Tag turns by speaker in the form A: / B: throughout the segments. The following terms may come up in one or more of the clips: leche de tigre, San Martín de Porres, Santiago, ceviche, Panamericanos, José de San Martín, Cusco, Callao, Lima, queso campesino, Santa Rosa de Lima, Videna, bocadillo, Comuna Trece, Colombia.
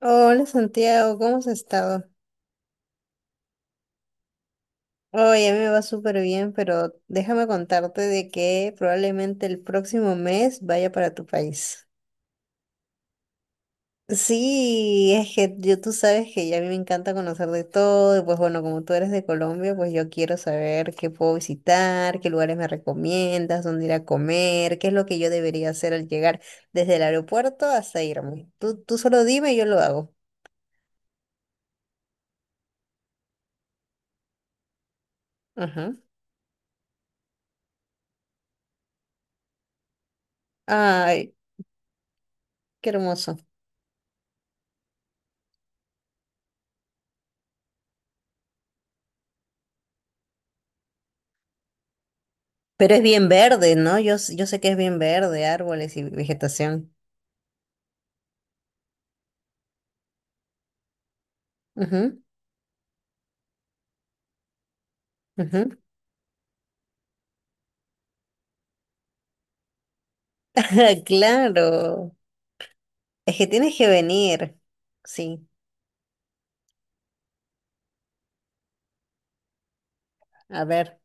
A: Hola Santiago, ¿cómo has estado? Oye, a mí me va súper bien, pero déjame contarte de que probablemente el próximo mes vaya para tu país. Sí, es que yo tú sabes que ya a mí me encanta conocer de todo, y pues bueno, como tú eres de Colombia, pues yo quiero saber qué puedo visitar, qué lugares me recomiendas, dónde ir a comer, qué es lo que yo debería hacer al llegar desde el aeropuerto hasta irme. Tú solo dime y yo lo hago. Ajá. Ay, qué hermoso. Pero es bien verde, ¿no? Yo sé que es bien verde, árboles y vegetación. Ujú, ujú. Claro, es que tienes que venir. Sí, a ver.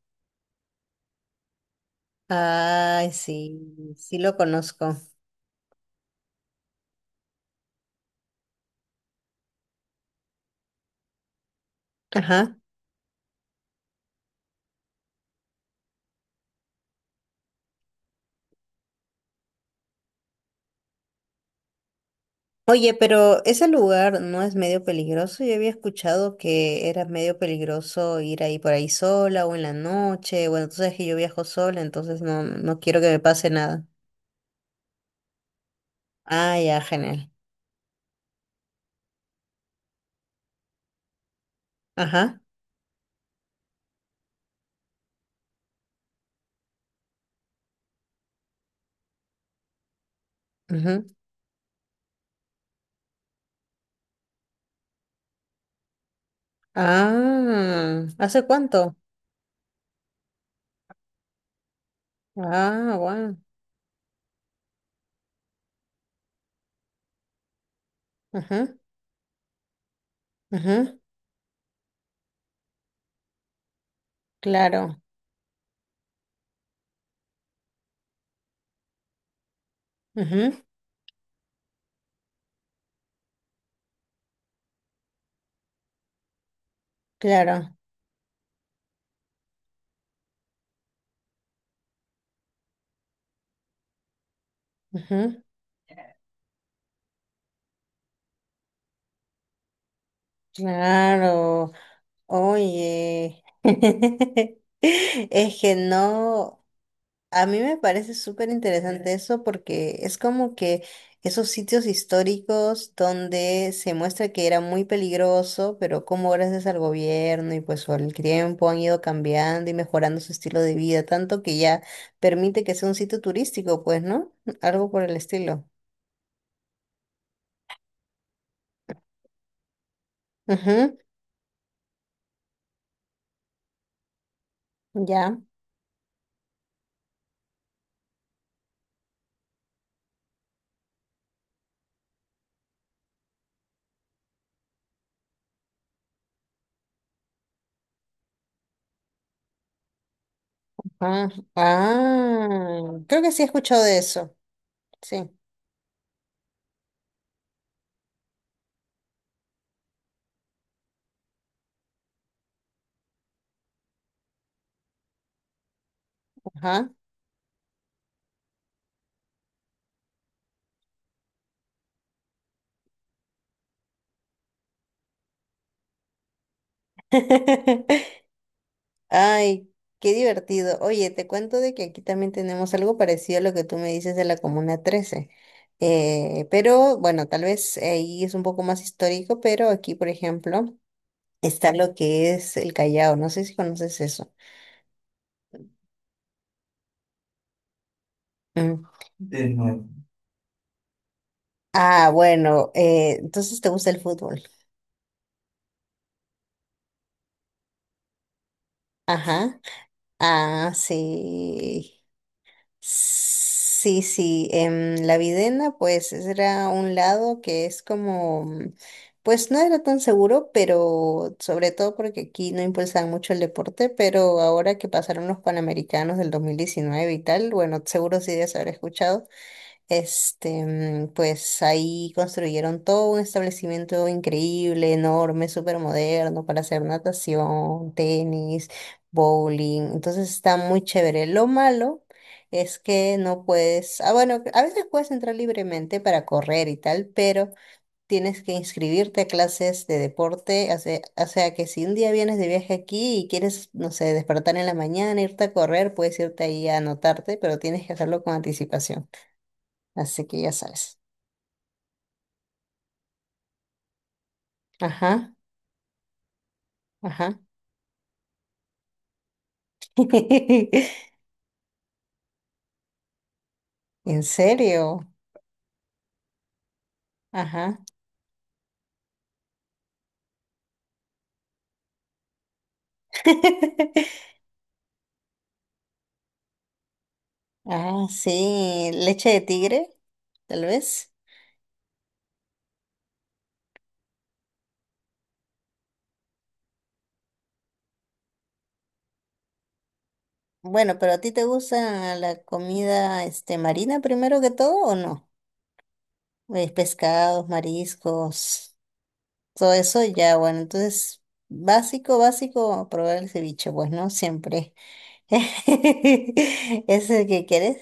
A: Ay, sí, sí lo conozco. Ajá. Oye, pero ese lugar no es medio peligroso. Yo había escuchado que era medio peligroso ir ahí por ahí sola o en la noche. Bueno, tú sabes que yo viajo sola, entonces no, no quiero que me pase nada. Ah, ya, genial. Ajá. Ah, ¿hace cuánto? Ah, bueno. Ajá, ajá, claro, ajá, claro, ajá, claro. Oye, es que no. A mí me parece súper interesante eso porque es como que esos sitios históricos donde se muestra que era muy peligroso, pero como gracias al gobierno y pues por el tiempo han ido cambiando y mejorando su estilo de vida, tanto que ya permite que sea un sitio turístico, pues, ¿no? Algo por el estilo. Ujú, ya. Ah, ah, creo que sí he escuchado de eso. Sí. Ajá. Ay, qué divertido. Oye, te cuento de que aquí también tenemos algo parecido a lo que tú me dices de la Comuna 13. Pero bueno, tal vez ahí es un poco más histórico, pero aquí, por ejemplo, está lo que es el Callao. No sé si conoces eso. Mm. No. Ah, bueno, entonces te gusta el fútbol. Ajá. Ah, sí. Sí, sí, la Videna pues era un lado que es como, pues no era tan seguro, pero sobre todo porque aquí no impulsaban mucho el deporte, pero ahora que pasaron los Panamericanos del 2019 y tal, bueno, seguro sí debes haber escuchado, este, pues ahí construyeron todo un establecimiento increíble, enorme, súper moderno para hacer natación, tenis, bowling. Entonces está muy chévere. Lo malo es que no puedes, ah, bueno, a veces puedes entrar libremente para correr y tal, pero tienes que inscribirte a clases de deporte. O sea que si un día vienes de viaje aquí y quieres, no sé, despertar en la mañana, irte a correr, puedes irte ahí a anotarte, pero tienes que hacerlo con anticipación. Así que ya sabes. Ajá, ajá. ¿En serio? Ajá. Ah, sí, leche de tigre, tal vez. Bueno, pero ¿a ti te gusta la comida este marina primero que todo o no? Pescados, mariscos, todo eso ya, bueno, entonces básico, básico, probar el ceviche, pues no siempre. ¿Es el que quieres?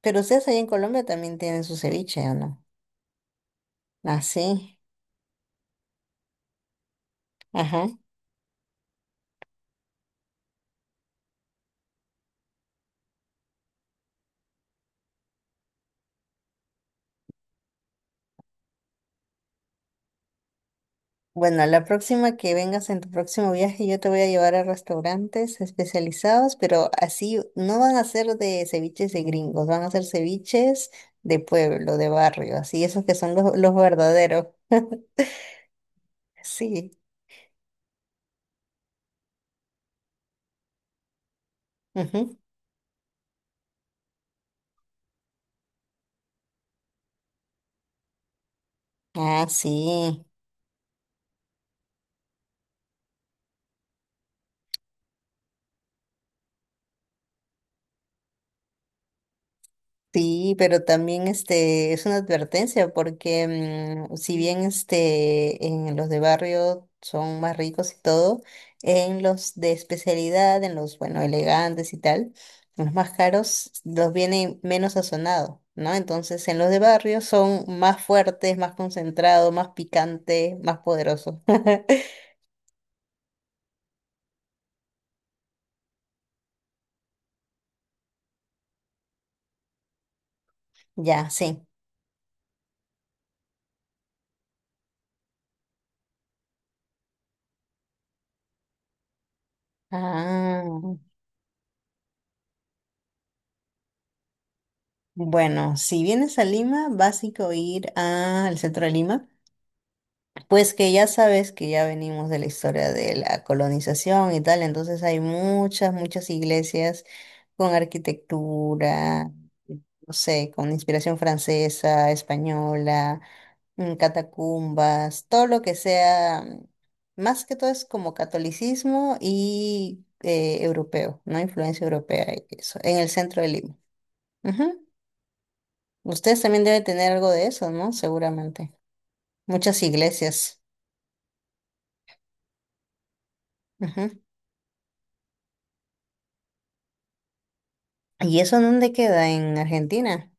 A: Pero ustedes allá en Colombia también tienen su ceviche, ¿o no? Así, ajá. Bueno, la próxima que vengas en tu próximo viaje, yo te voy a llevar a restaurantes especializados, pero así no van a ser de ceviches de gringos, van a ser ceviches de pueblo, de barrio, así, esos que son los verdaderos. Sí. Ujú. Ah, sí. Sí, pero también este es una advertencia porque si bien este en los de barrio son más ricos y todo, en los de especialidad, en los bueno elegantes y tal, los más caros los vienen menos sazonados, ¿no? Entonces en los de barrio son más fuertes, más concentrados, más picantes, más poderosos. Ya, sí. Ah, bueno, si vienes a Lima, vas a ir al centro de Lima. Pues que ya sabes que ya venimos de la historia de la colonización y tal, entonces hay muchas, muchas iglesias con arquitectura, no sé, con inspiración francesa, española, catacumbas, todo lo que sea, más que todo es como catolicismo y europeo, ¿no? Influencia europea y eso, en el centro de Lima. Ujú. Ustedes también deben tener algo de eso, ¿no? Seguramente. Muchas iglesias. ¿Y eso dónde queda? En Argentina.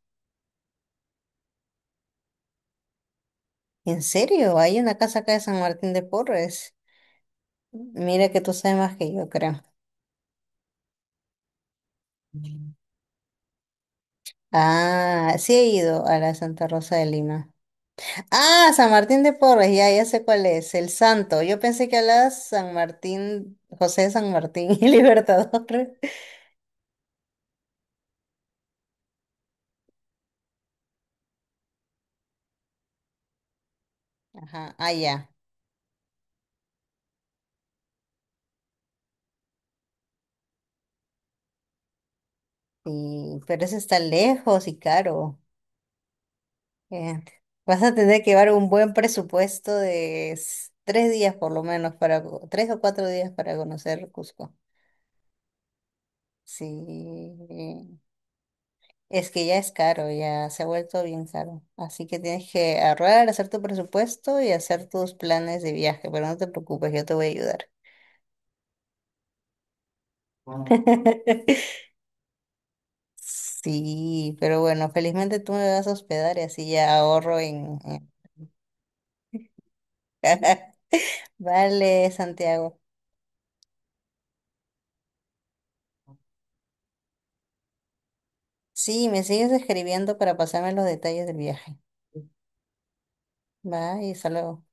A: ¿En serio? Hay una casa acá de San Martín de Porres. Mira que tú sabes más que yo, creo. Ah, sí he ido a la de Santa Rosa de Lima. Ah, San Martín de Porres, ya, ya sé cuál es, el santo. Yo pensé que hablabas San Martín, José de San Martín y Libertador. Ajá, ah, ya. Y pero ese está lejos y caro. Bien. Vas a tener que llevar un buen presupuesto de 3 días por lo menos para, 3 o 4 días para conocer Cusco. Sí, es que ya es caro, ya se ha vuelto bien caro. Así que tienes que ahorrar, hacer tu presupuesto y hacer tus planes de viaje, pero no te preocupes, yo te voy a ayudar. Sí, pero bueno, felizmente tú me vas a hospedar y así ya ahorro en... Vale, Santiago. Sí, me sigues escribiendo para pasarme los detalles del viaje. Bye, hasta luego.